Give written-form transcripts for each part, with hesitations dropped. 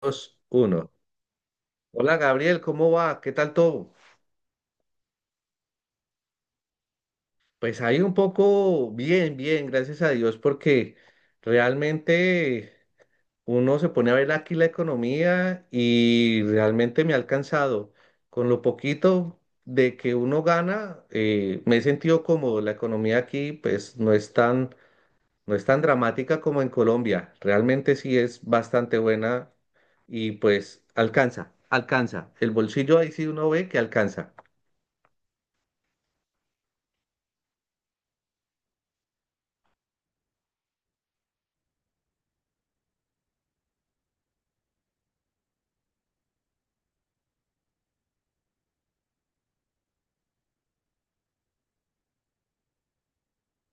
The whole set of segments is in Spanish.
Dos, uno. Hola Gabriel, ¿cómo va? ¿Qué tal todo? Pues ahí un poco bien, bien, gracias a Dios, porque realmente uno se pone a ver aquí la economía y realmente me ha alcanzado. Con lo poquito de que uno gana, me he sentido cómodo. La economía aquí pues no es tan dramática como en Colombia. Realmente sí es bastante buena y pues alcanza, alcanza. El bolsillo ahí sí uno ve que alcanza.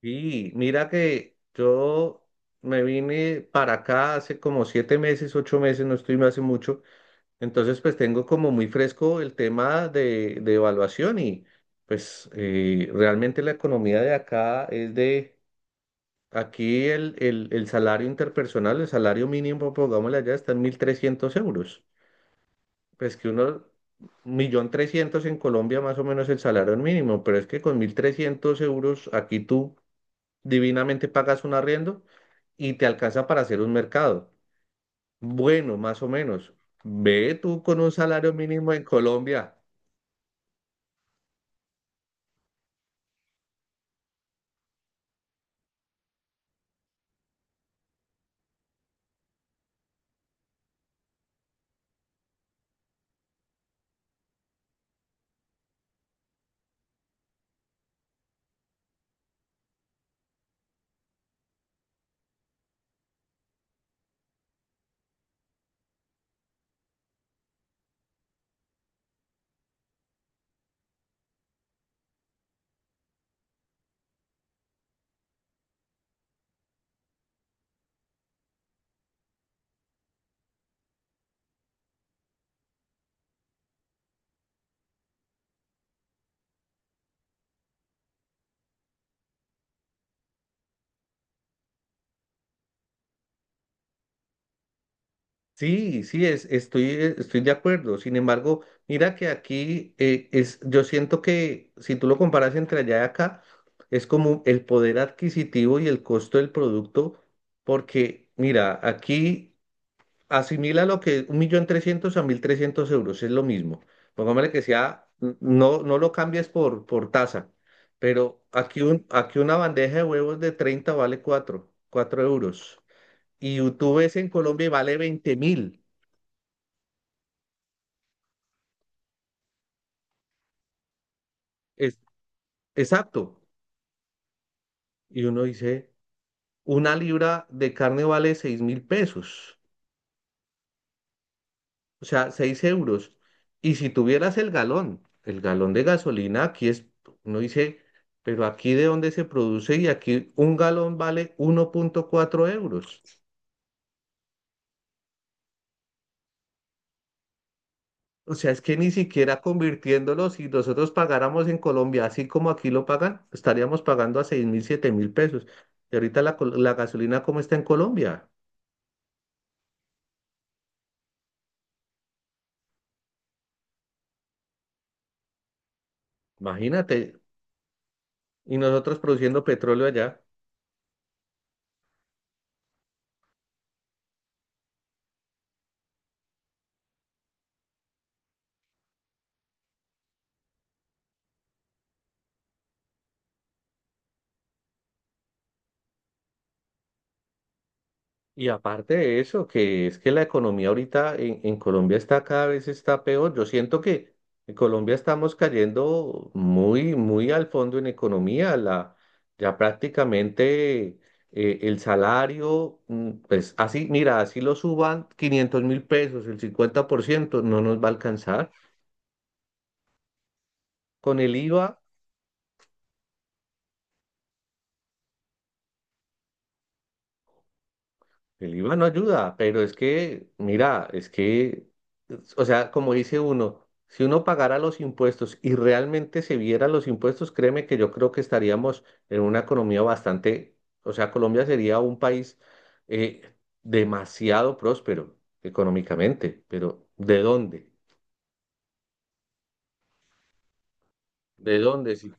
Y mira que yo me vine para acá hace como 7 meses, 8 meses, no estoy hace mucho. Entonces, pues tengo como muy fresco el tema de evaluación y pues realmente la economía de acá es de, aquí el salario interpersonal, el salario mínimo, pongámosle allá, está en 1.300 euros. Pues que uno, millón trescientos en Colombia más o menos el salario mínimo, pero es que con 1.300 euros aquí tú divinamente pagas un arriendo y te alcanza para hacer un mercado. Bueno, más o menos. Ve tú con un salario mínimo en Colombia. Sí, sí, estoy de acuerdo. Sin embargo, mira que aquí yo siento que si tú lo comparas entre allá y acá, es como el poder adquisitivo y el costo del producto, porque mira, aquí asimila lo que un millón trescientos a 1.300 euros, es lo mismo. Pongámosle que sea, no lo cambies por tasa, pero aquí, aquí una bandeja de huevos de 30 vale cuatro euros. Y tú ves en Colombia y vale 20.000, es, exacto. Y uno dice, una libra de carne vale 6.000 pesos. O sea, 6 euros. Y si tuvieras el galón de gasolina, uno dice, pero aquí de dónde se produce y aquí un galón vale 1.4 euros. O sea, es que ni siquiera convirtiéndolo, si nosotros pagáramos en Colombia, así como aquí lo pagan, estaríamos pagando a 6.000, 7.000 pesos. Y ahorita la gasolina, ¿cómo está en Colombia? Imagínate. Y nosotros produciendo petróleo allá. Y aparte de eso, que es que la economía ahorita en Colombia está cada vez está peor. Yo siento que en Colombia estamos cayendo muy, muy al fondo en economía. Ya prácticamente el salario, pues así, mira, así lo suban 500.000 pesos, el 50% no nos va a alcanzar. Con el IVA. El IVA no ayuda, pero es que, mira, es que, o sea, como dice uno, si uno pagara los impuestos y realmente se viera los impuestos, créeme que yo creo que estaríamos en una economía bastante, o sea, Colombia sería un país eh, demasiado próspero económicamente, pero ¿de dónde? ¿De dónde? Si.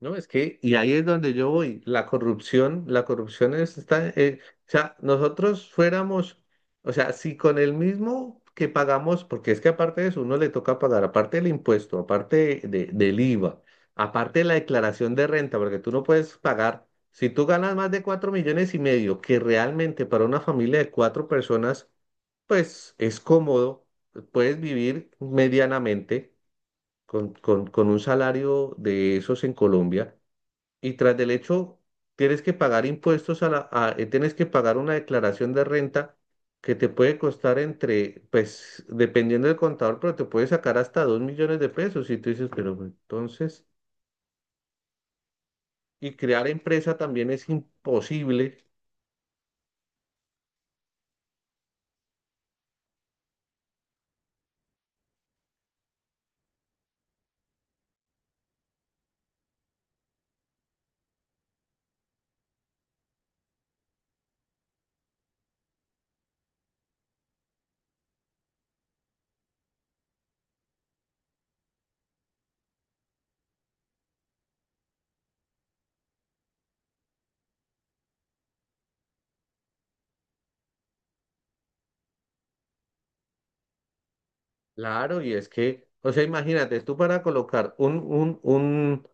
No, es que, y ahí es donde yo voy, la corrupción es, está, o sea, nosotros fuéramos, o sea, si con el mismo que pagamos, porque es que aparte de eso, uno le toca pagar, aparte del impuesto, aparte del IVA, aparte de la declaración de renta, porque tú no puedes pagar, si tú ganas más de 4,5 millones, que realmente para una familia de 4 personas, pues es cómodo, puedes vivir medianamente con un salario de esos en Colombia y tras del hecho tienes que pagar impuestos tienes que pagar una declaración de renta que te puede costar entre, pues, dependiendo del contador, pero te puede sacar hasta 2 millones de pesos. Y tú dices, pero pues, entonces, y crear empresa también es imposible, claro, y es que, o sea, imagínate, tú para colocar un, un, un,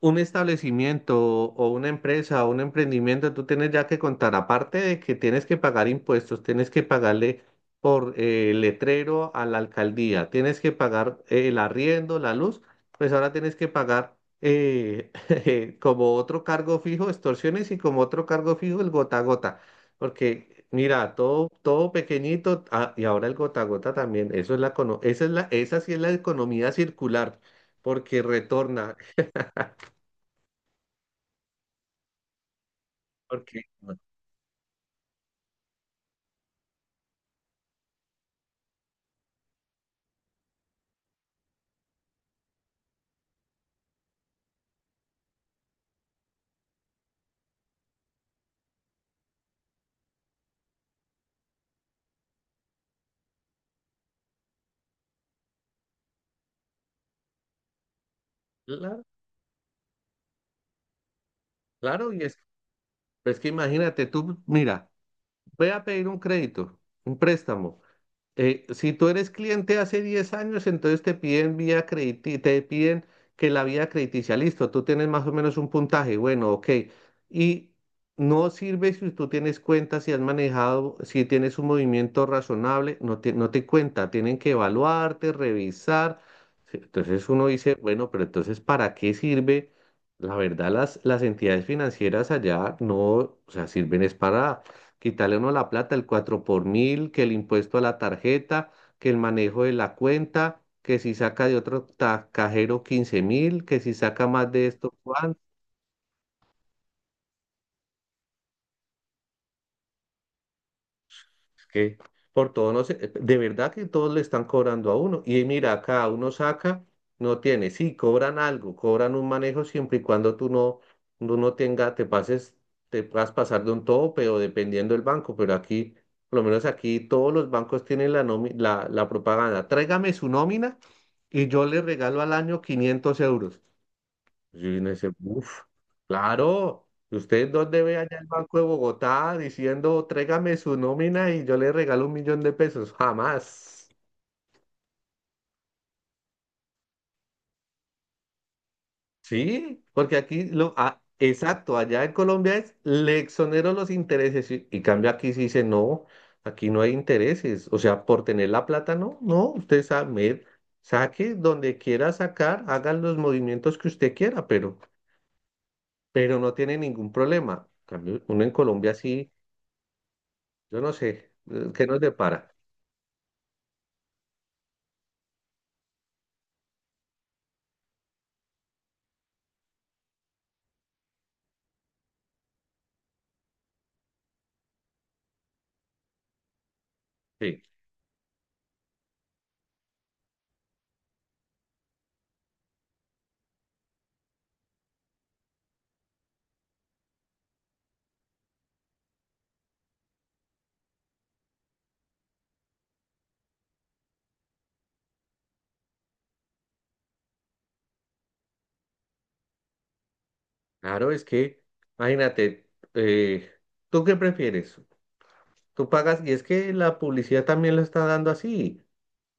un establecimiento o una empresa o un emprendimiento, tú tienes ya que contar, aparte de que tienes que pagar impuestos, tienes que pagarle por letrero a la alcaldía, tienes que pagar el arriendo, la luz, pues ahora tienes que pagar como otro cargo fijo, extorsiones y como otro cargo fijo, el gota a gota, porque mira, todo, todo pequeñito, ah, y ahora el gota a gota también, eso es esa sí es la economía circular, porque retorna, porque... Claro, claro, y es que imagínate, tú, mira, voy a pedir un crédito, un préstamo. Si tú eres cliente hace 10 años, entonces te piden que la vía crediticia, listo, tú tienes más o menos un puntaje, bueno, ok. Y no sirve si tú tienes cuenta, si has manejado, si tienes un movimiento razonable, no te cuenta, tienen que evaluarte, revisar. Sí, entonces uno dice, bueno, pero entonces, ¿para qué sirve? La verdad, las entidades financieras allá no, o sea, sirven es para quitarle uno la plata, el 4 por mil, que el impuesto a la tarjeta, que el manejo de la cuenta, que si saca de otro cajero 15.000, que si saca más de esto. Es que por todo no sé, de verdad que todos le están cobrando a uno. Y mira, cada uno saca, no tiene. Sí, cobran algo, cobran un manejo siempre y cuando tú no tenga, te pases, te puedas pasar de un tope o dependiendo del banco. Pero aquí, por lo menos aquí, todos los bancos tienen la propaganda. Tráigame su nómina y yo le regalo al año 500 euros. Y uno dice, uff, claro, ¿usted dónde ve allá el Banco de Bogotá diciendo, tráigame su nómina y yo le regalo 1 millón de pesos? Jamás. Sí, porque aquí ah, exacto, allá en Colombia le exonero los intereses y cambio aquí sí dice, no, aquí no hay intereses. O sea, por tener la plata, no, no, usted sabe, saque donde quiera sacar, haga los movimientos que usted quiera, pero no tiene ningún problema. En cambio, uno en Colombia sí. Yo no sé, ¿qué nos depara? Sí, claro, es que, imagínate, eh, ¿tú qué prefieres? Tú pagas, y es que la publicidad también lo está dando así.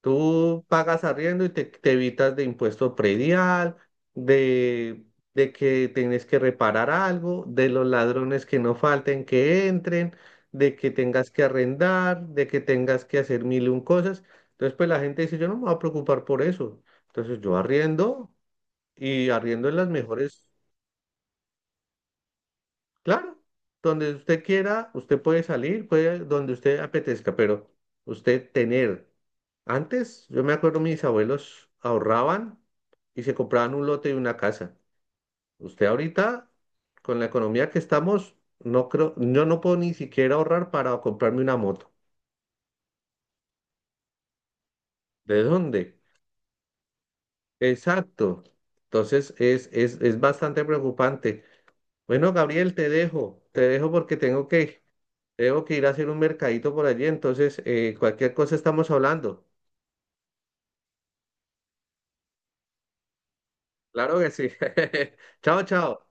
Tú pagas arriendo y te evitas de impuesto predial, de, de que tienes que reparar algo, de los ladrones que no falten que entren, de que tengas que arrendar, de que tengas que hacer mil y un cosas. Entonces, pues la gente dice, yo no me voy a preocupar por eso. Entonces, yo arriendo. Y arriendo en las mejores, claro, donde usted quiera, usted puede salir, puede donde usted apetezca, pero usted tener. Antes, yo me acuerdo, mis abuelos ahorraban y se compraban un lote y una casa. Usted ahorita, con la economía que estamos, no creo, yo no puedo ni siquiera ahorrar para comprarme una moto. ¿De dónde? Exacto. Entonces es bastante preocupante. Bueno, Gabriel, te dejo porque tengo que. Tengo que ir a hacer un mercadito por allí, entonces cualquier cosa estamos hablando. Claro que sí. Chao, chao.